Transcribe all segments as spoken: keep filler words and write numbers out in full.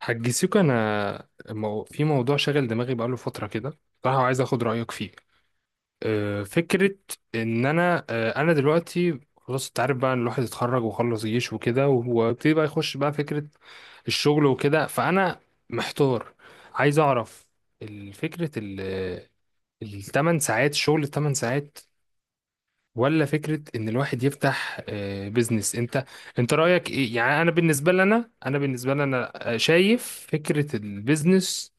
حاج سيكو انا مو... في موضوع شاغل دماغي بقاله فتره كده بصراحه وعايز اخد رايك فيه. أه، فكره ان انا أه، انا دلوقتي خلاص، انت عارف بقى ان الواحد اتخرج وخلص جيش وكده وابتدي بقى يخش بقى فكره الشغل وكده. فانا محتار، عايز اعرف الفكره ال الثمان ساعات شغل الثمان ساعات، ولا فكرة ان الواحد يفتح آه، بيزنس. انت انت رأيك ايه؟ يعني انا بالنسبة لنا، انا بالنسبة لنا آه، شايف فكرة البيزنس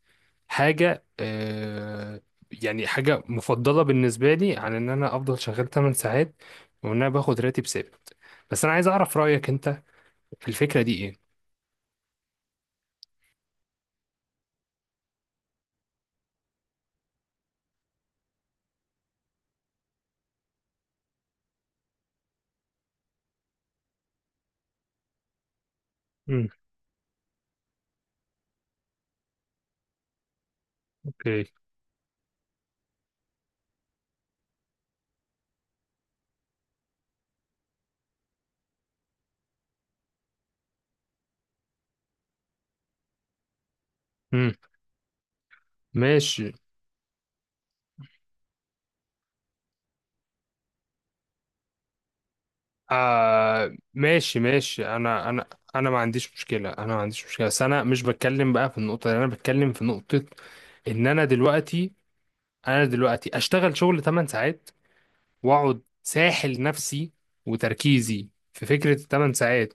حاجة آه، يعني حاجة مفضلة بالنسبة لي عن ان انا افضل شغال ثماني ساعات وان انا باخد راتب ثابت. بس انا عايز اعرف رأيك انت في الفكرة دي ايه. مم. اوكي. امم، ماشي. آه ماشي ماشي. انا انا انا ما عنديش مشكله، انا ما عنديش مشكله بس انا مش بتكلم بقى في النقطه دي، انا بتكلم في نقطه ان انا دلوقتي انا دلوقتي اشتغل شغل ثماني ساعات واقعد ساحل نفسي وتركيزي في فكره ثماني ساعات،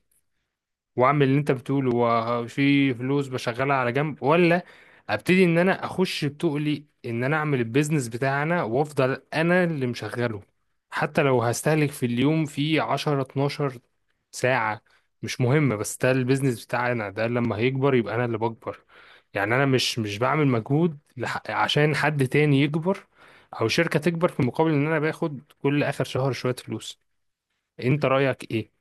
واعمل اللي انت بتقوله وفي فلوس بشغلها على جنب، ولا ابتدي ان انا اخش بتقلي ان انا اعمل البيزنس بتاعنا وافضل انا اللي مشغله. حتى لو هستهلك في اليوم في عشر اتناشر ساعة، مش مهمة، بس ده البيزنس بتاعنا. ده لما هيكبر يبقى انا اللي بكبر، يعني انا مش مش بعمل مجهود لح- عشان حد تاني يكبر او شركة تكبر في مقابل ان انا باخد كل اخر شهر شوية فلوس. انت رأيك ايه؟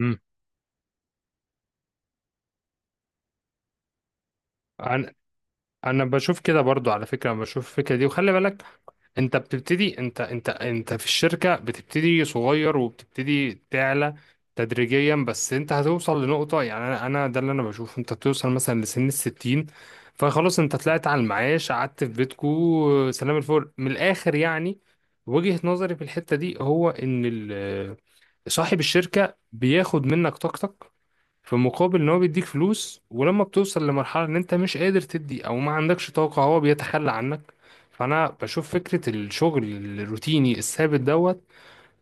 امم. انا بشوف كده برضو على فكره، أنا بشوف الفكره دي. وخلي بالك انت بتبتدي، انت انت انت في الشركه بتبتدي صغير وبتبتدي تعلى تدريجيا، بس انت هتوصل لنقطه، يعني انا انا ده اللي انا بشوفه، انت بتوصل مثلا لسن الستين فخلاص انت طلعت على المعاش قعدت في بيتكو سلام الفل من الاخر يعني. وجهه نظري في الحته دي هو ان ال- صاحب الشركه بياخد منك طاقتك في مقابل ان هو بيديك فلوس، ولما بتوصل لمرحلة ان انت مش قادر تدي او ما عندكش طاقة هو بيتخلى عنك. فانا بشوف فكرة الشغل الروتيني الثابت دوت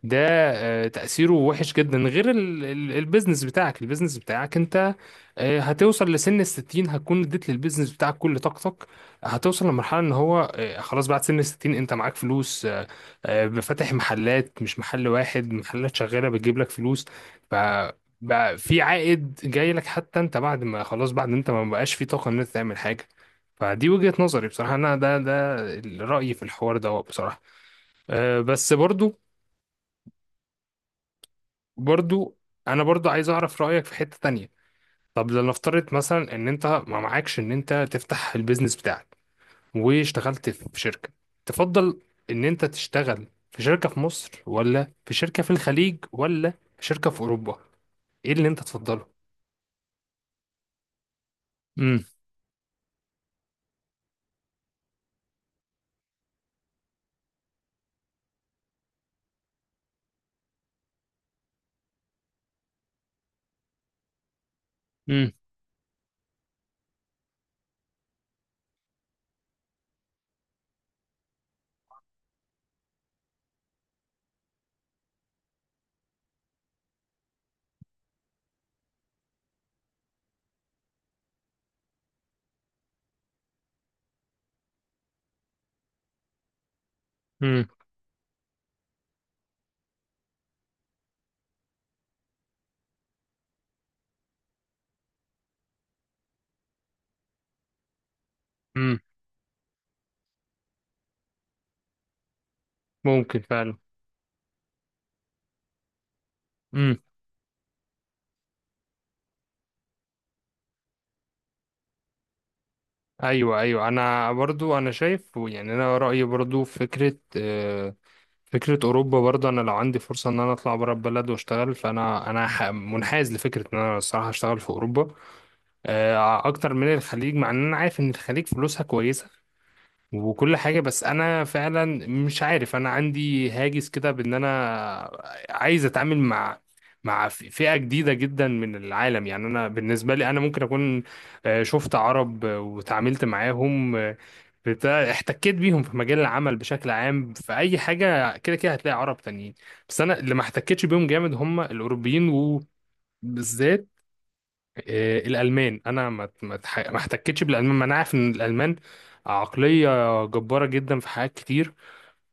ده آه، تأثيره وحش جدا. غير ال- ال- البيزنس بتاعك، البيزنس بتاعك انت آه، هتوصل لسن الستين هتكون اديت للبيزنس بتاعك كل طاقتك، هتوصل لمرحلة ان هو آه، خلاص بعد سن الستين انت معاك فلوس، آه، آه، فاتح محلات، مش محل واحد، محلات شغالة بتجيب لك فلوس. ف بقى في عائد جاي لك حتى انت بعد ما خلاص بعد انت ما بقاش في طاقة ان انت تعمل حاجة. فدي وجهة نظري بصراحة، انا ده ده رأيي في الحوار ده بصراحة. آه، بس برضو، برضو انا برضو عايز اعرف رايك في حته تانية. طب لنفترض مثلا ان انت ما معكش ان انت تفتح البيزنس بتاعك واشتغلت في شركه، تفضل ان انت تشتغل في شركه في مصر ولا في شركه في الخليج ولا في شركه في اوروبا؟ ايه اللي انت تفضله؟ امم. امم. امم. امم. ممكن فعلا. امم. ايوه ايوه، انا برضو، انا شايف يعني انا رايي برضو في فكره فكرة أوروبا. برضه أنا لو عندي فرصة إن أنا أطلع برا البلد وأشتغل، فأنا أنا ح- منحاز لفكرة إن أنا الصراحة أشتغل في أوروبا آه، أكتر من الخليج، مع إن أنا عارف إن الخليج فلوسها كويسة وكل حاجة. بس أنا فعلا مش عارف، أنا عندي هاجس كده بإن أنا عايز أتعامل مع مع فئة جديدة جدا من العالم. يعني أنا بالنسبة لي أنا ممكن أكون آه، شفت عرب آه، وتعاملت معاهم، آه، بتاع احتكيت بيهم في مجال العمل بشكل عام، في أي حاجة كده كده هتلاقي عرب تانيين. بس أنا اللي ما احتكتش بيهم جامد هم الأوروبيين، وبالذات آه، الالمان. انا ما ما اتح- ما احتكتش بالالمان. ما انا عارف ان الالمان عقليه جباره جدا في حاجات كتير.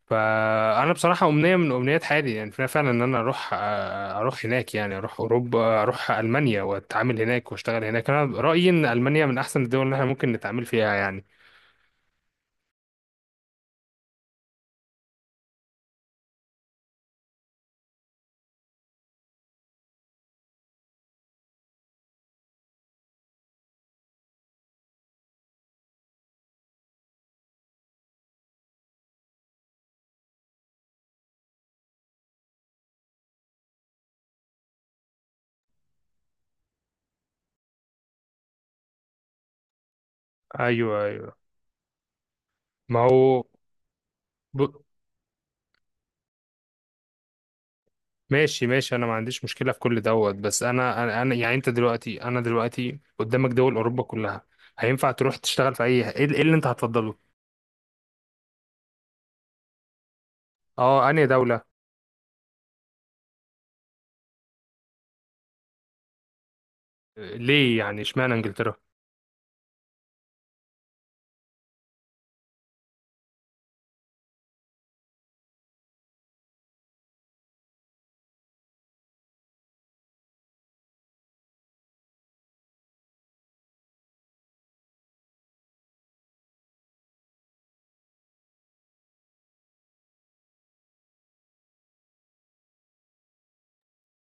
فانا بصراحه امنيه من امنيات حياتي يعني فعلا ان انا اروح، آه، اروح هناك، يعني اروح اوروبا اروح المانيا واتعامل هناك واشتغل هناك. انا رايي ان المانيا من احسن الدول اللي احنا ممكن نتعامل فيها يعني. ايوه ايوه. ما هو ب... ماشي ماشي، انا ما عنديش مشكله في كل دوت. بس انا انا أنا- يعني انت دلوقتي، انا دلوقتي قدامك دول اوروبا كلها، هينفع تروح تشتغل في اي؟ ايه إيه اللي انت هتفضله؟ اه، انهي دولة؟ ليه يعني اشمعنى انجلترا؟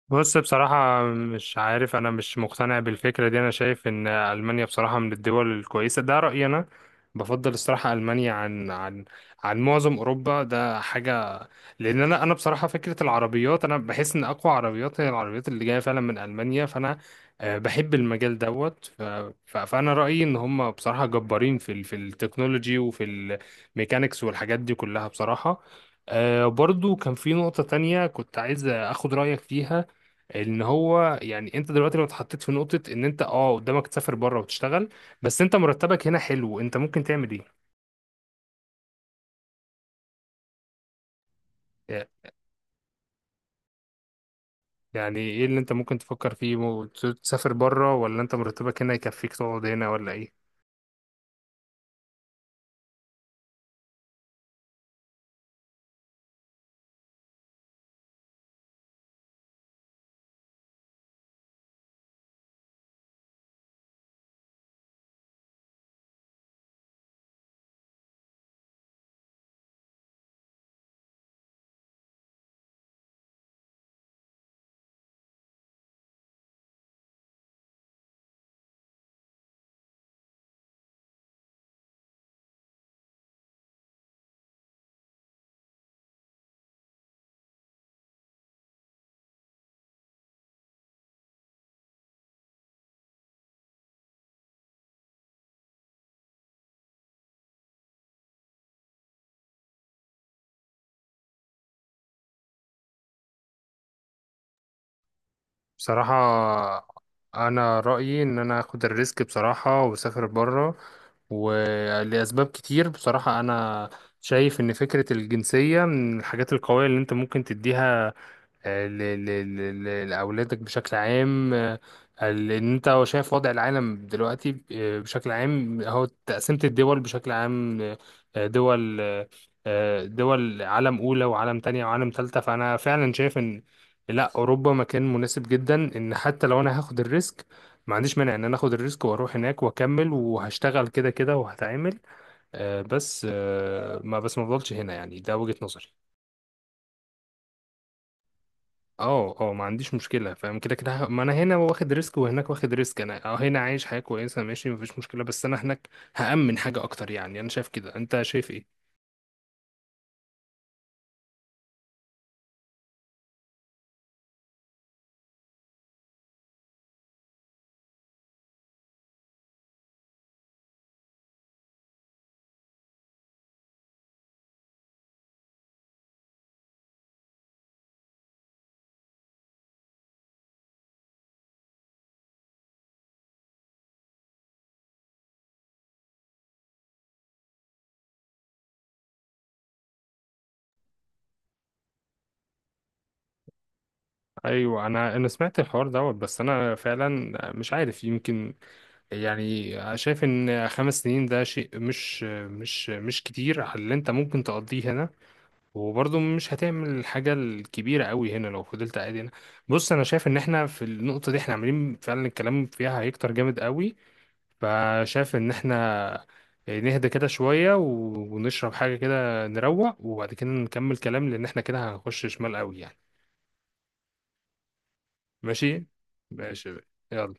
بص بصراحة مش عارف، أنا مش مقتنع بالفكرة دي. أنا شايف إن ألمانيا بصراحة من الدول الكويسة، ده رأيي أنا. بفضل الصراحة ألمانيا عن عن عن معظم أوروبا. ده حاجة. لأن أنا أنا بصراحة فكرة العربيات، أنا بحس إن أقوى عربيات هي العربيات اللي جاية فعلا من ألمانيا. فأنا آه، بحب المجال دوت. ف- ف- فأنا رأيي إن هم بصراحة جبارين في ال- في التكنولوجي وفي الميكانيكس والحاجات دي كلها بصراحة. آه، برضو كان في نقطة تانية كنت عايز أخد رأيك فيها، ان هو يعني انت دلوقتي لو اتحطيت في نقطة ان انت، اه، قدامك تسافر بره وتشتغل، بس انت مرتبك هنا حلو، انت ممكن تعمل ايه؟ يعني ايه اللي انت ممكن تفكر فيه، مو- تسافر بره ولا انت مرتبك هنا يكفيك تقعد هنا ولا ايه؟ بصراحة انا رأيي ان انا اخد الريسك بصراحة واسافر بره، ولأسباب كتير بصراحة. انا شايف ان فكرة الجنسية من الحاجات القوية اللي انت ممكن تديها آه، ل- ل- ل- ل- لأولادك بشكل عام. آه، ال- إن أنت شايف وضع العالم دلوقتي آه، بشكل عام هو تقسيمة الدول بشكل عام، آه، دول آه، دول عالم أولى وعالم تانية وعالم تالتة. فأنا فعلا شايف إن لا، أوروبا مكان مناسب جدا. إن حتى لو أنا هاخد الريسك، ما عنديش مانع إن أنا آخد الريسك وأروح هناك وأكمل وهشتغل كده كده وهتعامل. آه، بس آه، ما بس ما أفضلش هنا يعني، ده وجهة نظري. اه اه، ما عنديش مشكلة، فاهم كده كده ه- ما انا هنا واخد ريسك وهناك واخد ريسك. انا، اه، هنا عايش حياة كويسة ماشي مفيش مشكلة، بس انا هناك هأمن حاجة اكتر يعني. انا شايف كده، انت شايف ايه؟ ايوه، انا انا سمعت الحوار دوت، بس انا فعلا مش عارف. يمكن يعني شايف ان خمس سنين ده شيء مش مش مش كتير على اللي انت ممكن تقضيه هنا، وبرضه مش هتعمل الحاجة الكبيرة قوي هنا لو فضلت قاعد هنا. بص انا شايف ان احنا في النقطة دي احنا عاملين فعلا، الكلام فيها هيكتر جامد قوي. فشايف ان احنا يعني نهدى كده شوية و- ونشرب حاجة كده نروق وبعد كده نكمل كلام، لان احنا كده هنخش شمال قوي يعني. ماشي ماشي. يلا.